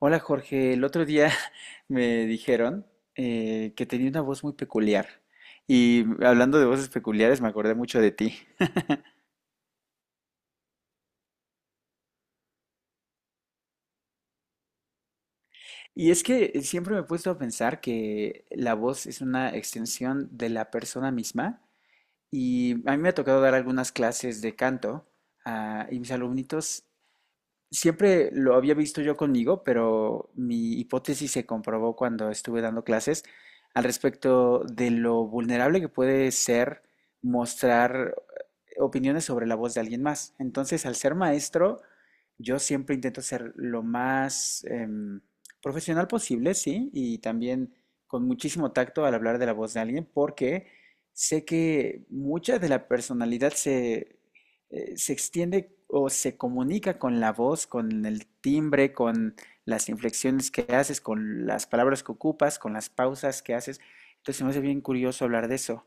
Hola Jorge, el otro día me dijeron que tenía una voz muy peculiar y hablando de voces peculiares me acordé mucho de ti. Y es que siempre me he puesto a pensar que la voz es una extensión de la persona misma, y a mí me ha tocado dar algunas clases de canto, y mis alumnitos. Siempre lo había visto yo conmigo, pero mi hipótesis se comprobó cuando estuve dando clases al respecto de lo vulnerable que puede ser mostrar opiniones sobre la voz de alguien más. Entonces, al ser maestro, yo siempre intento ser lo más profesional posible, sí, y también con muchísimo tacto al hablar de la voz de alguien, porque sé que mucha de la personalidad se, se extiende o se comunica con la voz, con el timbre, con las inflexiones que haces, con las palabras que ocupas, con las pausas que haces. Entonces se me hace bien curioso hablar de eso.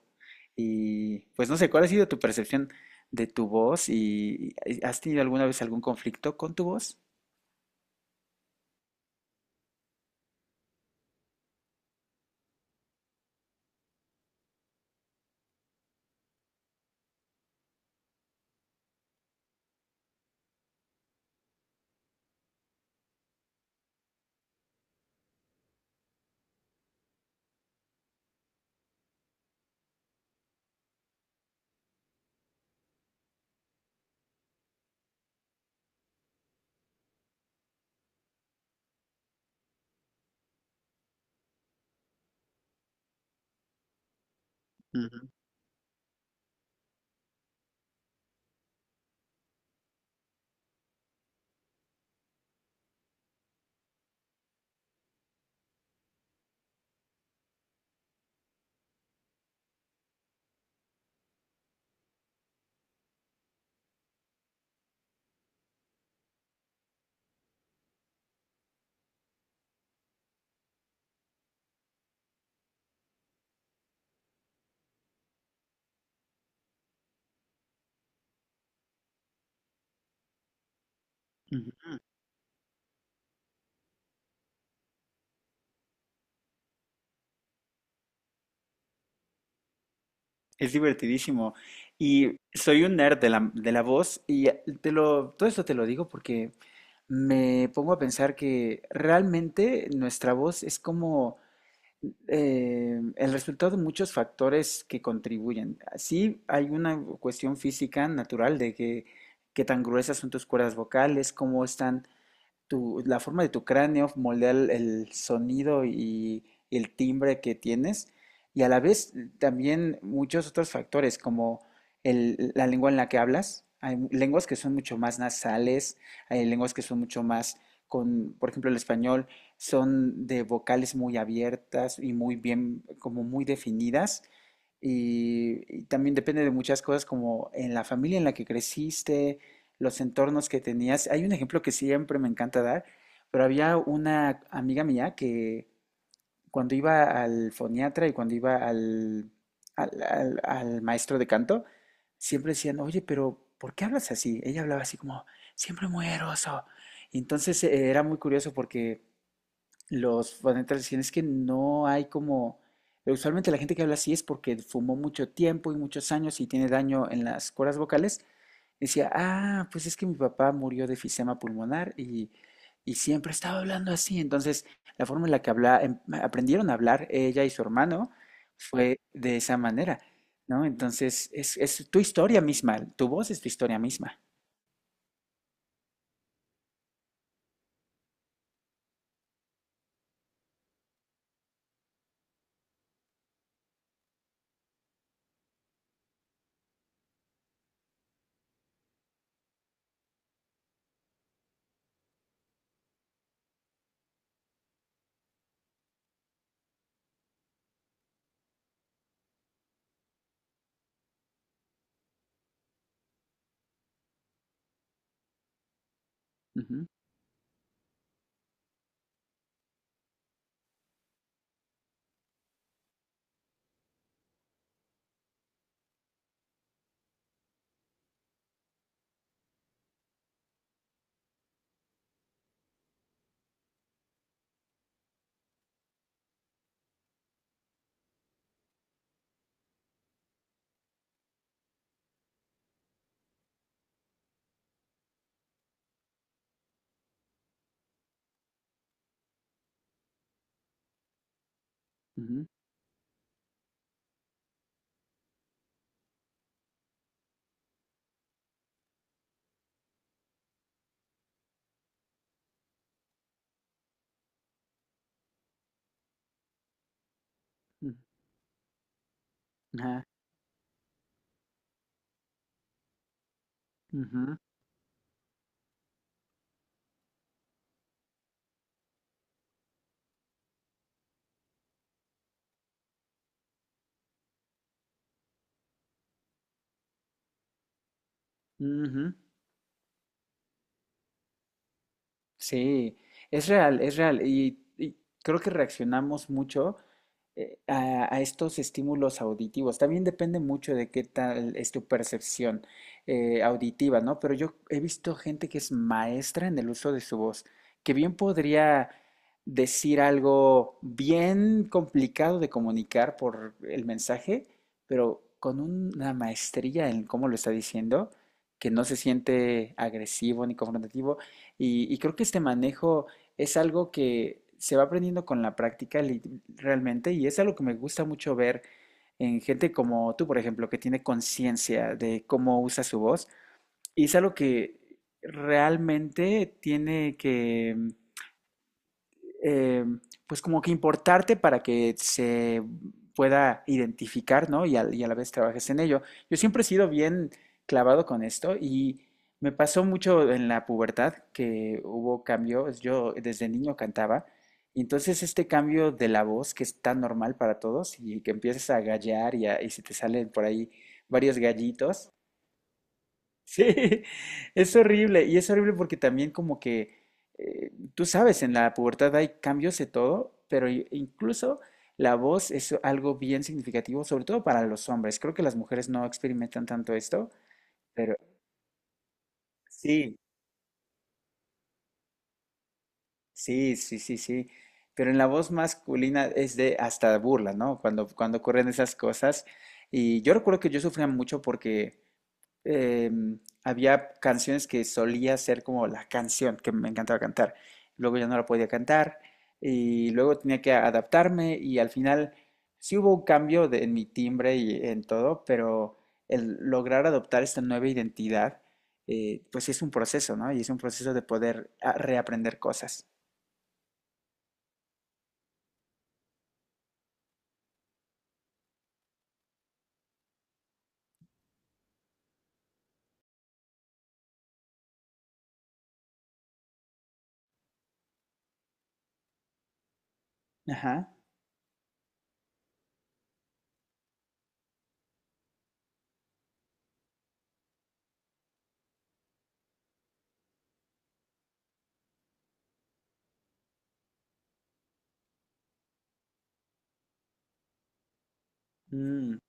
Y pues no sé, ¿cuál ha sido tu percepción de tu voz? ¿Y has tenido alguna vez algún conflicto con tu voz? Ujú, ujú. Es divertidísimo. Y soy un nerd de la voz y te lo, todo esto te lo digo porque me pongo a pensar que realmente nuestra voz es como el resultado de muchos factores que contribuyen. Sí, hay una cuestión física natural de que qué tan gruesas son tus cuerdas vocales, cómo están tu, la forma de tu cráneo moldea el sonido y el timbre que tienes, y a la vez también muchos otros factores, como la lengua en la que hablas. Hay lenguas que son mucho más nasales, hay lenguas que son mucho más con, por ejemplo, el español son de vocales muy abiertas y muy bien, como muy definidas, y también depende de muchas cosas como en la familia en la que creciste, los entornos que tenías. Hay un ejemplo que siempre me encanta dar, pero había una amiga mía que cuando iba al foniatra y cuando iba al maestro de canto, siempre decían, oye, pero ¿por qué hablas así? Ella hablaba así como, siempre muy eroso. Y entonces era muy curioso porque los fanáticos dicen es que no hay como... Usualmente la gente que habla así es porque fumó mucho tiempo y muchos años y tiene daño en las cuerdas vocales. Decía, ah, pues es que mi papá murió de enfisema pulmonar y siempre estaba hablando así. Entonces, la forma en la que habla, aprendieron a hablar ella y su hermano fue de esa manera, ¿no? Entonces, es tu historia misma, tu voz es tu historia misma. Ujú, ujú, ujú, ajá, ujú, ujú. Sí, es real, es real. Y creo que reaccionamos mucho a estos estímulos auditivos. También depende mucho de qué tal es tu percepción auditiva, ¿no? Pero yo he visto gente que es maestra en el uso de su voz, que bien podría decir algo bien complicado de comunicar por el mensaje, pero con una maestría en cómo lo está diciendo, que no se siente agresivo ni confrontativo. Y creo que este manejo es algo que se va aprendiendo con la práctica realmente y es algo que me gusta mucho ver en gente como tú, por ejemplo, que tiene conciencia de cómo usa su voz. Y es algo que realmente tiene que eh, pues como que importarte para que se pueda identificar, ¿no? Y a la vez trabajes en ello. Yo siempre he sido bien clavado con esto y me pasó mucho en la pubertad que hubo cambios. Yo desde niño cantaba, y entonces este cambio de la voz que es tan normal para todos y que empiezas a gallear y, y se te salen por ahí varios gallitos. Sí, es horrible, y es horrible porque también como que, tú sabes, en la pubertad hay cambios de todo, pero incluso la voz es algo bien significativo, sobre todo para los hombres. Creo que las mujeres no experimentan tanto esto, pero sí, sí, sí, sí, sí. Pero en la voz masculina es de hasta burla, ¿no? Cuando, cuando ocurren esas cosas. Y yo recuerdo que yo sufría mucho porque em, había canciones que solía ser como la canción que me encantaba cantar. Luego ya no la podía cantar, y luego tenía que adaptarme y al final sí hubo un cambio en mi timbre y en todo, pero el lograr adoptar esta nueva identidad, pues sí es un proceso, ¿no? Y es un proceso de poder reaprender cosas. Ajá. Mm.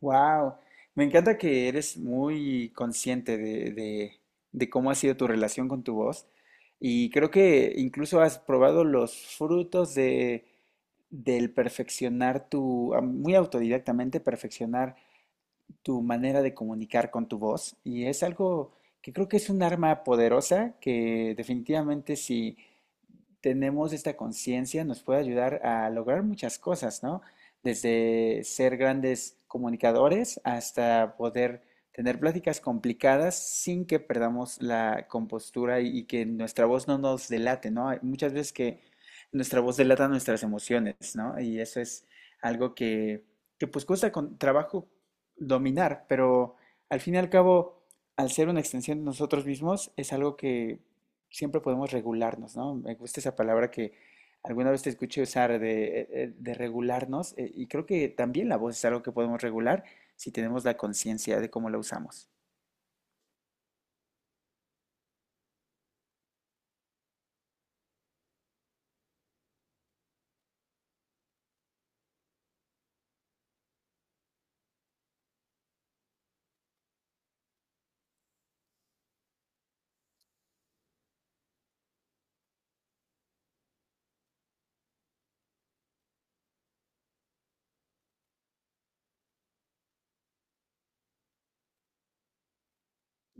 Wow, me encanta que eres muy consciente de, de cómo ha sido tu relación con tu voz, y creo que incluso has probado los frutos de, del perfeccionar tu, muy autodidactamente perfeccionar tu manera de comunicar con tu voz, y es algo que creo que es un arma poderosa que definitivamente si tenemos esta conciencia nos puede ayudar a lograr muchas cosas, ¿no? Desde ser grandes comunicadores hasta poder tener pláticas complicadas sin que perdamos la compostura y que nuestra voz no nos delate, ¿no? Hay muchas veces que nuestra voz delata nuestras emociones, ¿no? Y eso es algo que pues cuesta con trabajo dominar, pero al fin y al cabo, al ser una extensión de nosotros mismos, es algo que siempre podemos regularnos, ¿no? Me gusta esa palabra que alguna vez te escuché usar de regularnos, y creo que también la voz es algo que podemos regular si tenemos la conciencia de cómo la usamos.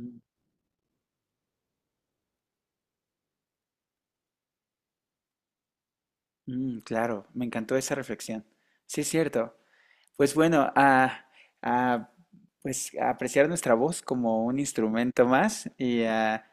Mm, mm, claro, me encantó esa reflexión. Sí, es cierto. Pues bueno, a, pues a apreciar nuestra voz como un instrumento más y, a,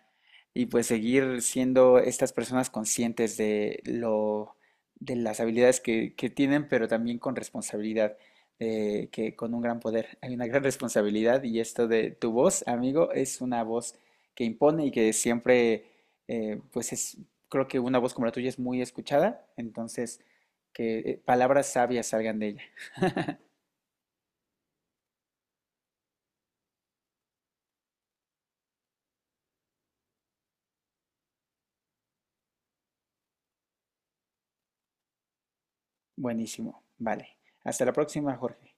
y pues seguir siendo estas personas conscientes de lo, de las habilidades que tienen, pero también con responsabilidad, que con un gran poder hay una gran responsabilidad y esto de tu voz, amigo, es una voz que impone y que siempre, pues es, creo que una voz como la tuya es muy escuchada, entonces que palabras sabias salgan de ella. Buenísimo. Vale. Hasta la próxima, Jorge.